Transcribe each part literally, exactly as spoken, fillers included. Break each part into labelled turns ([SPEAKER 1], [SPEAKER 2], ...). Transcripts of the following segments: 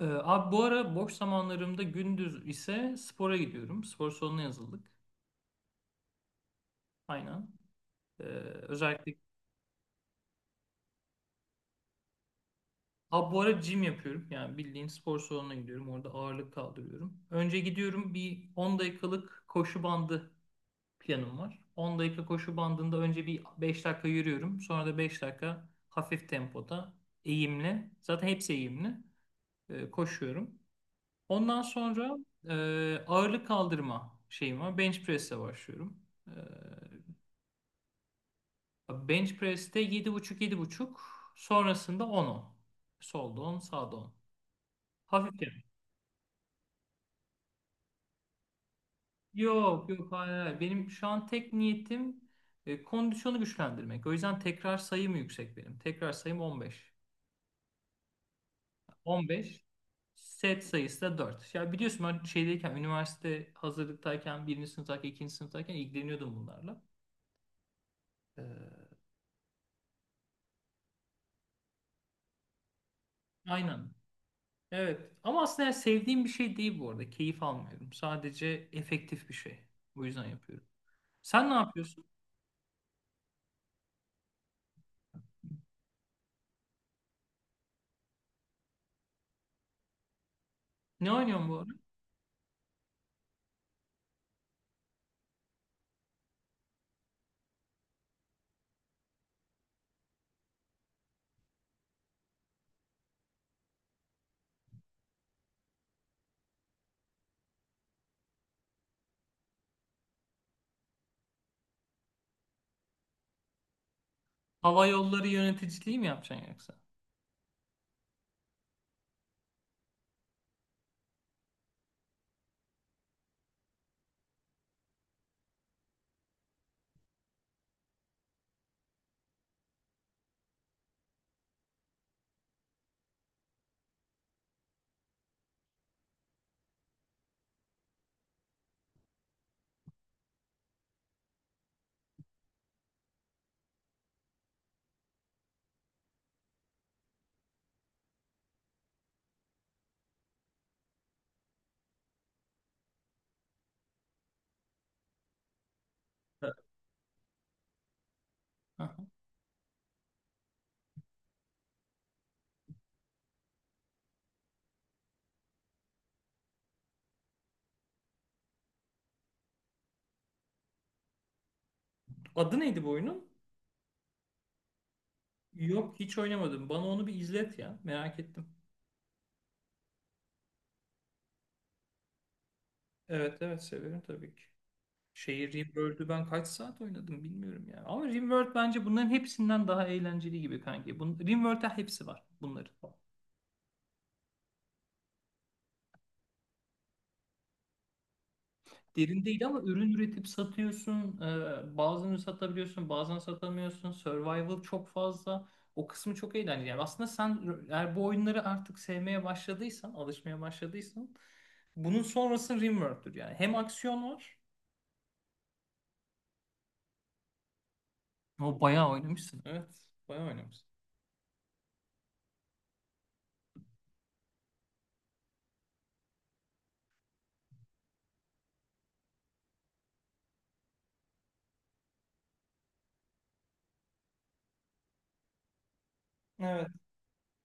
[SPEAKER 1] Ee, abi bu ara boş zamanlarımda gündüz ise spora gidiyorum. Spor salonuna yazıldık. Aynen. Ee, özellikle abi bu ara gym yapıyorum. Yani bildiğin spor salonuna gidiyorum. Orada ağırlık kaldırıyorum. Önce gidiyorum bir on dakikalık koşu bandı planım var. on dakika koşu bandında önce bir beş dakika yürüyorum. Sonra da beş dakika hafif tempoda eğimli. Zaten hepsi eğimli. e, koşuyorum. Ondan sonra e, ağırlık kaldırma şeyim var. Bench press'e başlıyorum. E, Bench press'te yedi buçuk yedi buçuk sonrasında on on. Solda on, sağda on. Hafifçe. Yok, yok, hayır, hayır. Benim şu an tek niyetim e, kondisyonu güçlendirmek. O yüzden tekrar sayım yüksek benim. Tekrar sayım on beş on beş Set sayısı da dört. Ya biliyorsun ben şeydeyken, üniversite hazırlıktayken, birinci sınıftayken, ikinci sınıftayken ilgileniyordum bunlarla. Ee, aynen. Evet. Ama aslında yani sevdiğim bir şey değil bu arada. Keyif almıyorum. Sadece efektif bir şey. O yüzden yapıyorum. Sen ne yapıyorsun? Ne oynuyorsun bu ara? Hava yolları yöneticiliği mi yapacaksın yoksa? Ha. Aha. Adı neydi bu oyunun? Yok, hiç oynamadım. Bana onu bir izlet ya. Merak ettim. Evet, evet, severim tabii ki. Şeyi RimWorld'ü ben kaç saat oynadım bilmiyorum ya. Ama RimWorld bence bunların hepsinden daha eğlenceli gibi kanki. Bun RimWorld'da hepsi var bunların. Derin değil ama ürün üretip satıyorsun. Ee, bazılarını satabiliyorsun, bazen satamıyorsun. Survival çok fazla. O kısmı çok eğlenceli. Yani aslında sen eğer bu oyunları artık sevmeye başladıysan, alışmaya başladıysan bunun sonrası Rimworld'dür yani. Hem aksiyon var. O bayağı oynamışsın. Evet, bayağı oynamışsın. Evet.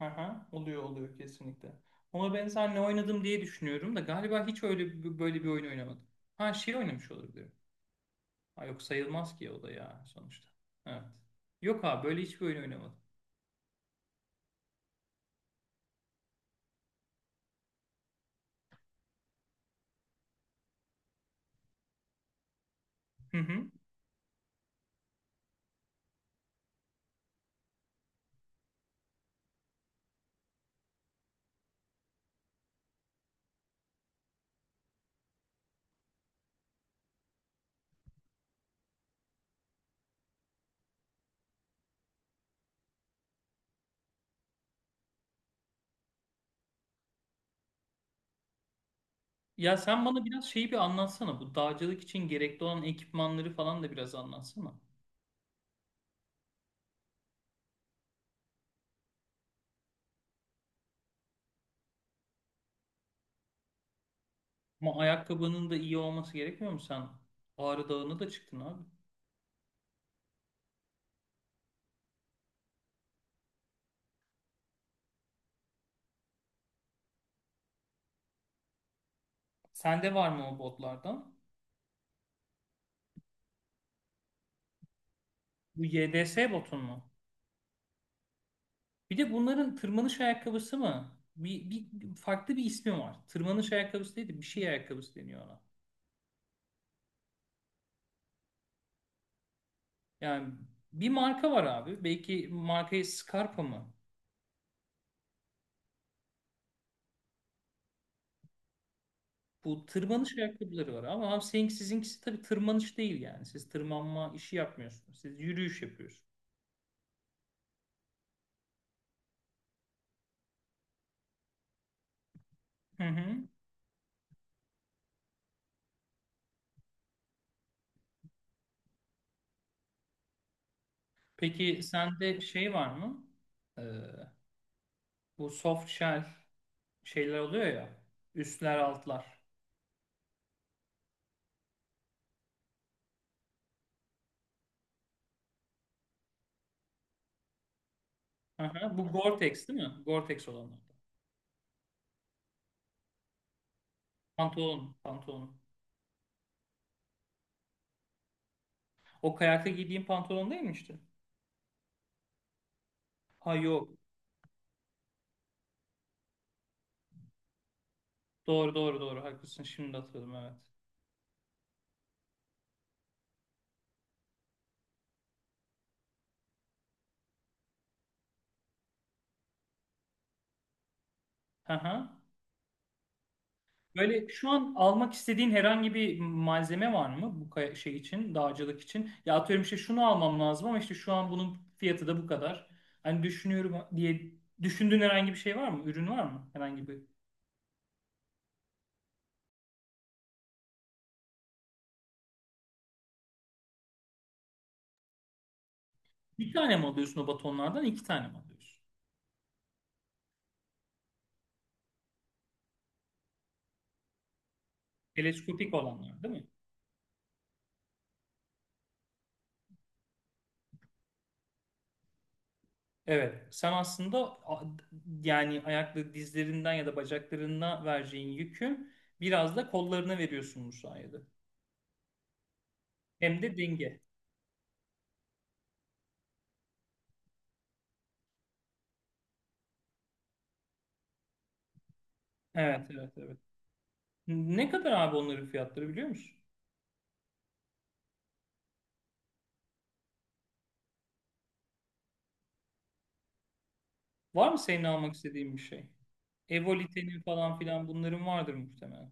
[SPEAKER 1] Aha, oluyor oluyor, kesinlikle. Ona benzer ne oynadım diye düşünüyorum da galiba hiç öyle bir- böyle bir oyun oynamadım. Ha, şey oynamış olabilirim. Ha, yok sayılmaz ki o da ya sonuçta. Evet. Yok abi, böyle hiçbir oyun oynamadım. Hı hı. Ya sen bana biraz şeyi bir anlatsana. Bu dağcılık için gerekli olan ekipmanları falan da biraz anlatsana. Ama ayakkabının da iyi olması gerekmiyor mu? Sen Ağrı Dağı'na da çıktın abi. Sende var mı o botlardan? Bu Y D S botun mu? Bir de bunların tırmanış ayakkabısı mı? Bir, bir farklı bir ismi var. Tırmanış ayakkabısı değil de bir şey ayakkabısı deniyor ona. Yani bir marka var abi. Belki markayı Scarpa mı? Bu tırmanış ayakkabıları var ama abi senin, sizinkisi tabii tırmanış değil yani. Siz tırmanma işi yapmıyorsunuz. Siz yürüyüş yapıyorsunuz. Hı hı. Peki sende şey var mı? Ee, bu soft shell şeyler oluyor ya. Üstler altlar. Hı hı. Bu Gore-Tex değil mi? Gore-Tex olanlar. Pantolon, pantolon. O kayakta giydiğin pantolon değil mi işte? Ha, yok. Doğru, doğru, doğru, haklısın. Şimdi hatırladım, evet. Hı hı. Böyle şu an almak istediğin herhangi bir malzeme var mı bu kay- şey için, dağcılık için? Ya atıyorum işte şunu almam lazım ama işte şu an bunun fiyatı da bu kadar. Hani düşünüyorum diye düşündüğün herhangi bir şey var mı? Ürün var mı? Herhangi bir. Bir tane mi alıyorsun o batonlardan? İki tane mi alıyorsun? Teleskopik olanlar değil mi? Evet. Sen aslında a- yani ayaklı dizlerinden ya da bacaklarına vereceğin yükü biraz da kollarına veriyorsun bu sayede. Hem de denge. Evet, evet, evet. Ne kadar abi onların fiyatları, biliyor musun? Var mı senin almak istediğin bir şey? Evolitenin falan filan bunların vardır muhtemelen.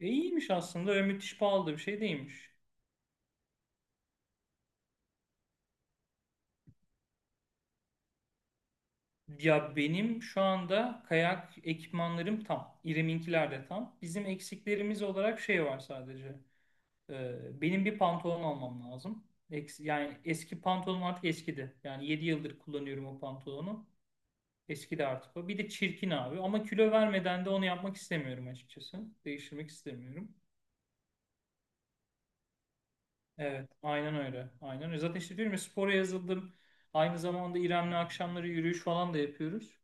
[SPEAKER 1] E iyiymiş aslında. Öyle müthiş pahalı da bir şey değilmiş. Ya benim şu anda kayak ekipmanlarım tam. İrem'inkiler de tam. Bizim eksiklerimiz olarak şey var sadece. Ee, benim bir pantolon almam lazım. Eks- yani eski pantolonum artık eskidi. Yani yedi yıldır kullanıyorum o pantolonu. Eskidi artık o. Bir de çirkin abi. Ama kilo vermeden de onu yapmak istemiyorum açıkçası. Değiştirmek istemiyorum. Evet, aynen öyle. Aynen öyle. Zaten işte diyorum ya, spora yazıldım. Aynı zamanda İrem'le akşamları yürüyüş falan da yapıyoruz.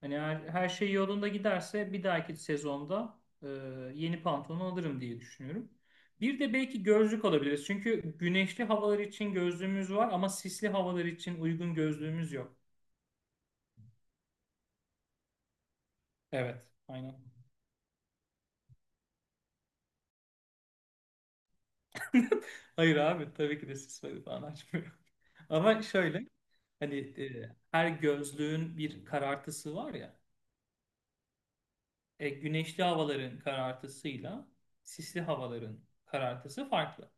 [SPEAKER 1] Hani her, her şey yolunda giderse bir dahaki sezonda e, yeni pantolon alırım diye düşünüyorum. Bir de belki gözlük alabiliriz. Çünkü güneşli havalar için gözlüğümüz var ama sisli havalar için uygun gözlüğümüz yok. Evet, aynen. Hayır abi, tabii ki de sis falan açmıyor. Ama şöyle, hani e, her gözlüğün bir karartısı var ya. E, güneşli havaların karartısıyla sisli havaların karartısı farklı.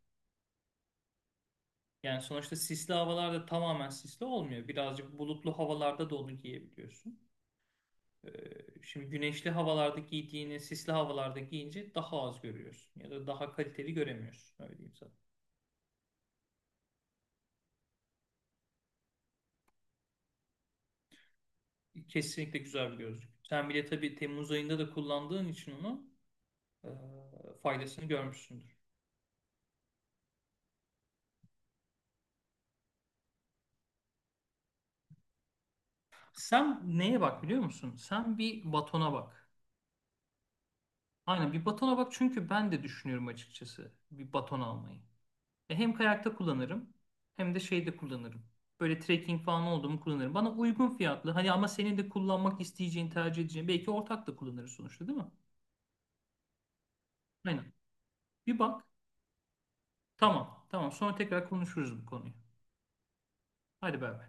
[SPEAKER 1] Yani sonuçta sisli havalarda tamamen sisli olmuyor. Birazcık bulutlu havalarda da onu giyebiliyorsun. E, şimdi güneşli havalarda giydiğini sisli havalarda giyince daha az görüyorsun. Ya da daha kaliteli göremiyorsun. Öyle diyeyim sana. Kesinlikle güzel bir gözlük. Sen bile tabii Temmuz ayında da kullandığın için onu e, faydasını görmüşsündür. Sen neye bak biliyor musun? Sen bir batona bak. Aynen bir batona bak, çünkü ben de düşünüyorum açıkçası bir baton almayı. Ya hem kayakta kullanırım hem de şeyde kullanırım. Böyle trekking falan oldu mu kullanırım. Bana uygun fiyatlı hani ama senin de kullanmak isteyeceğin, tercih edeceğin, belki ortak da kullanırız sonuçta, değil mi? Aynen. Bir bak. Tamam. Tamam. Sonra tekrar konuşuruz bu konuyu. Hadi bay bay.